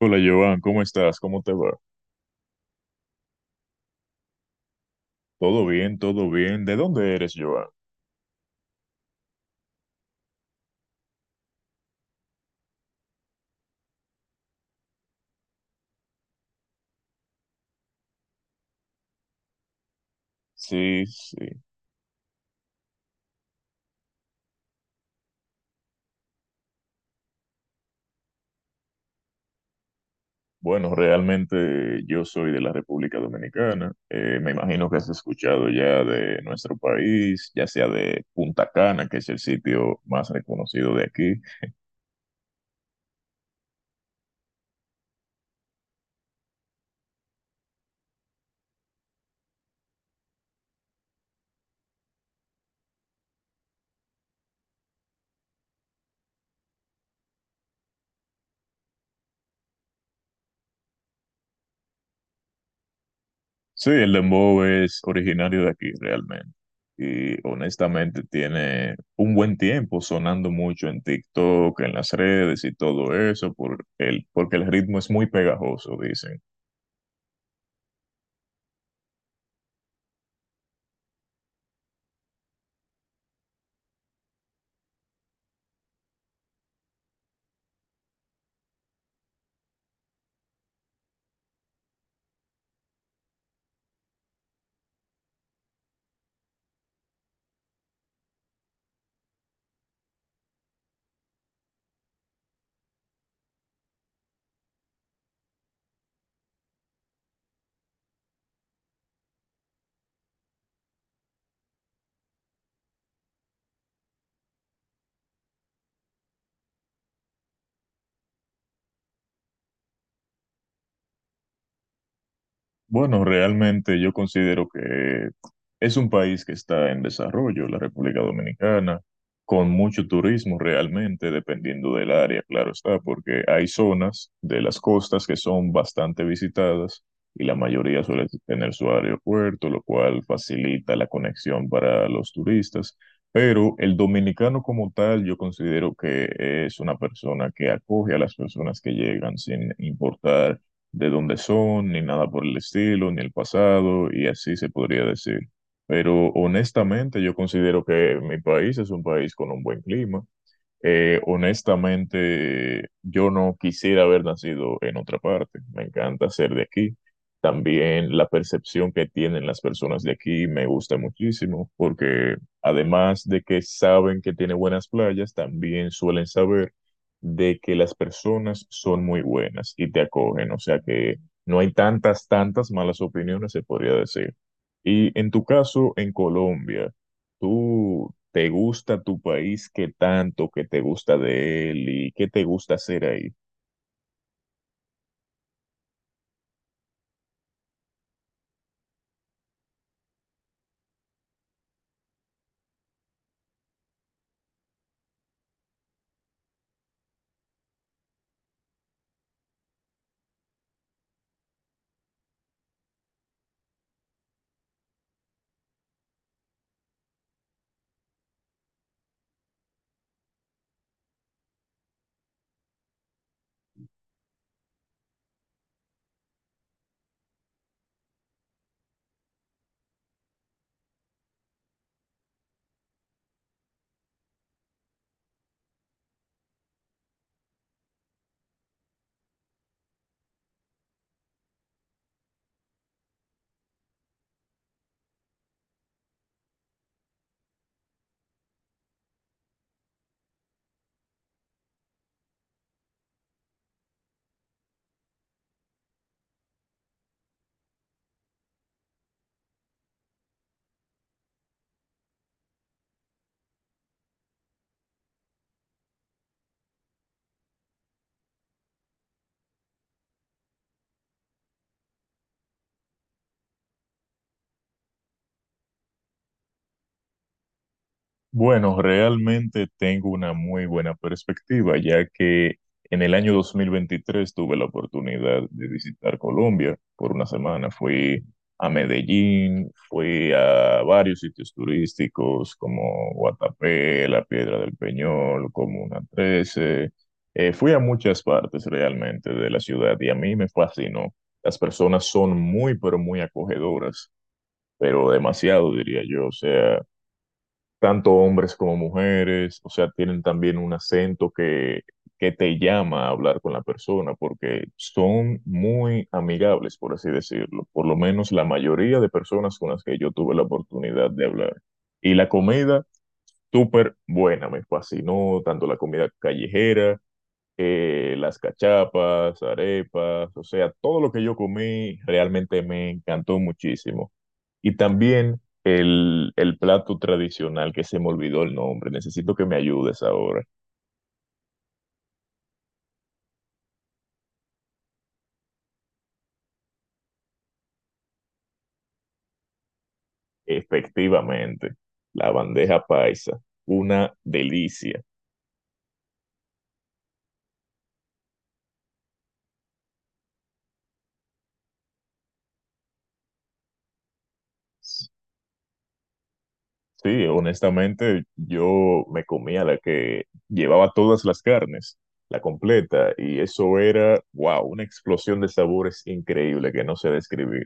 Hola Joan, ¿cómo estás? ¿Cómo te va? Todo bien, todo bien. ¿De dónde eres, Joan? Sí, sí. Bueno, realmente yo soy de la República Dominicana. Me imagino que has escuchado ya de nuestro país, ya sea de Punta Cana, que es el sitio más reconocido de aquí. Sí, el dembow es originario de aquí, realmente. Y honestamente tiene un buen tiempo sonando mucho en TikTok, en las redes y todo eso, porque el ritmo es muy pegajoso, dicen. Bueno, realmente yo considero que es un país que está en desarrollo, la República Dominicana, con mucho turismo realmente, dependiendo del área, claro está, porque hay zonas de las costas que son bastante visitadas y la mayoría suele tener su aeropuerto, lo cual facilita la conexión para los turistas. Pero el dominicano como tal, yo considero que es una persona que acoge a las personas que llegan sin importar de dónde son, ni nada por el estilo, ni el pasado, y así se podría decir. Pero honestamente yo considero que mi país es un país con un buen clima, honestamente, yo no quisiera haber nacido en otra parte. Me encanta ser de aquí. También la percepción que tienen las personas de aquí me gusta muchísimo, porque además de que saben que tiene buenas playas, también suelen saber de que las personas son muy buenas y te acogen. O sea que no hay tantas malas opiniones, se podría decir. Y en tu caso, en Colombia. ¿Tú te gusta tu país? ¿Qué tanto que te gusta de él y qué te gusta hacer ahí? Bueno, realmente tengo una muy buena perspectiva, ya que en el año 2023 tuve la oportunidad de visitar Colombia por una semana. Fui a Medellín, fui a varios sitios turísticos como Guatapé, La Piedra del Peñol, Comuna Trece. Fui a muchas partes realmente de la ciudad y a mí me fascinó. Las personas son muy, pero muy acogedoras, pero demasiado, diría yo. O sea, tanto hombres como mujeres, o sea, tienen también un acento que te llama a hablar con la persona, porque son muy amigables, por así decirlo, por lo menos la mayoría de personas con las que yo tuve la oportunidad de hablar. Y la comida, súper buena, me fascinó, tanto la comida callejera, las cachapas, arepas, o sea, todo lo que yo comí realmente me encantó muchísimo. Y también el plato tradicional, que se me olvidó el nombre, necesito que me ayudes ahora. Efectivamente, la bandeja paisa, una delicia. Sí, honestamente, yo me comía la que llevaba todas las carnes, la completa, y eso era, wow, una explosión de sabores increíble que no sé describir.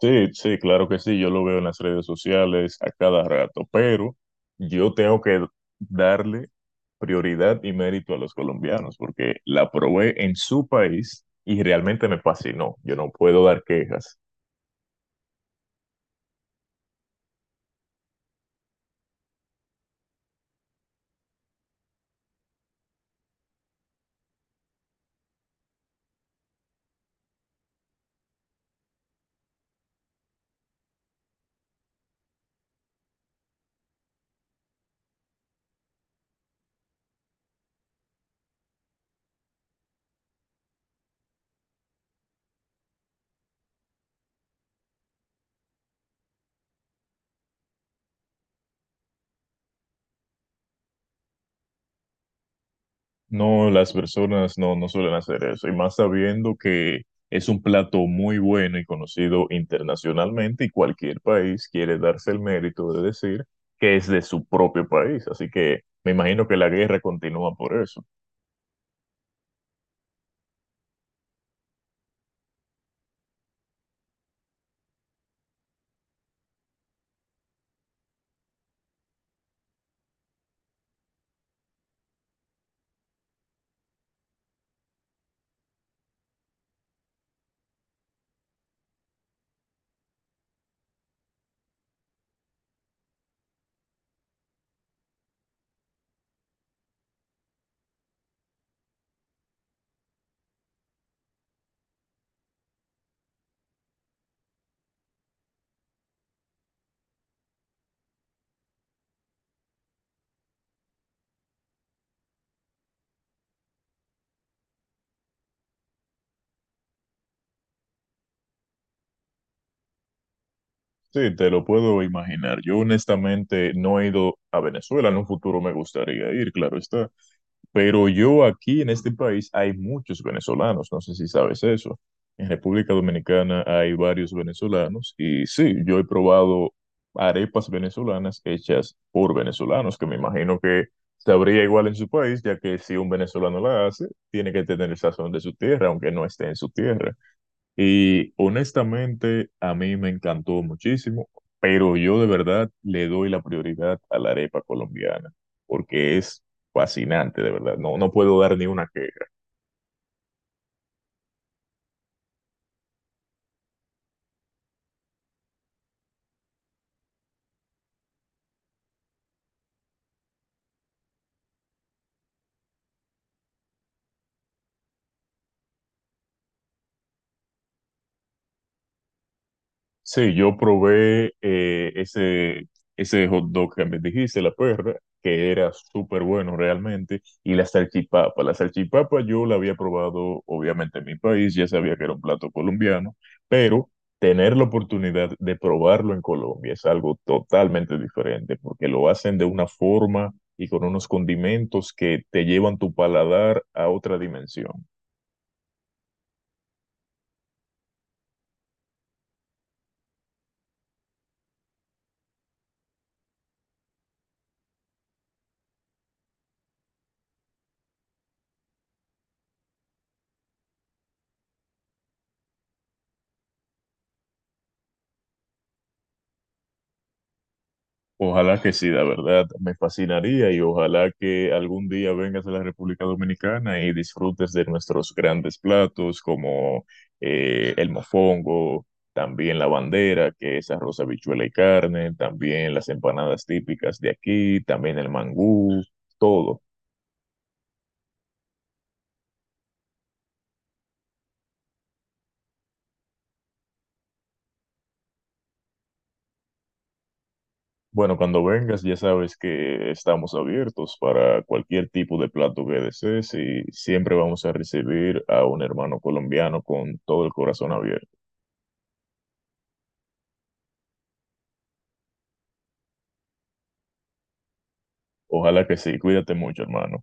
Sí, sí, claro que sí, yo lo veo en las redes sociales a cada rato, pero yo tengo que darle prioridad y mérito a los colombianos porque la probé en su país y realmente me fascinó. Yo no puedo dar quejas. No, las personas no suelen hacer eso, y más sabiendo que es un plato muy bueno y conocido internacionalmente y cualquier país quiere darse el mérito de decir que es de su propio país, así que me imagino que la guerra continúa por eso. Sí, te lo puedo imaginar. Yo honestamente no he ido a Venezuela, en un futuro me gustaría ir, claro está. Pero yo aquí en este país hay muchos venezolanos, no sé si sabes eso. En República Dominicana hay varios venezolanos y sí, yo he probado arepas venezolanas hechas por venezolanos, que me imagino que sabría igual en su país, ya que si un venezolano la hace, tiene que tener el sazón de su tierra, aunque no esté en su tierra. Y honestamente, a mí me encantó muchísimo, pero yo de verdad le doy la prioridad a la arepa colombiana, porque es fascinante, de verdad. No, no puedo dar ni una. Sí, yo probé ese hot dog que me dijiste, la perra, que era súper bueno realmente, y la salchipapa. La salchipapa yo la había probado obviamente en mi país, ya sabía que era un plato colombiano, pero tener la oportunidad de probarlo en Colombia es algo totalmente diferente, porque lo hacen de una forma y con unos condimentos que te llevan tu paladar a otra dimensión. Ojalá que sí, la verdad, me fascinaría y ojalá que algún día vengas a la República Dominicana y disfrutes de nuestros grandes platos como el mofongo, también la bandera, que es arroz, habichuela y carne, también las empanadas típicas de aquí, también el mangú, todo. Bueno, cuando vengas ya sabes que estamos abiertos para cualquier tipo de plato que desees y siempre vamos a recibir a un hermano colombiano con todo el corazón abierto. Ojalá que sí. Cuídate mucho, hermano.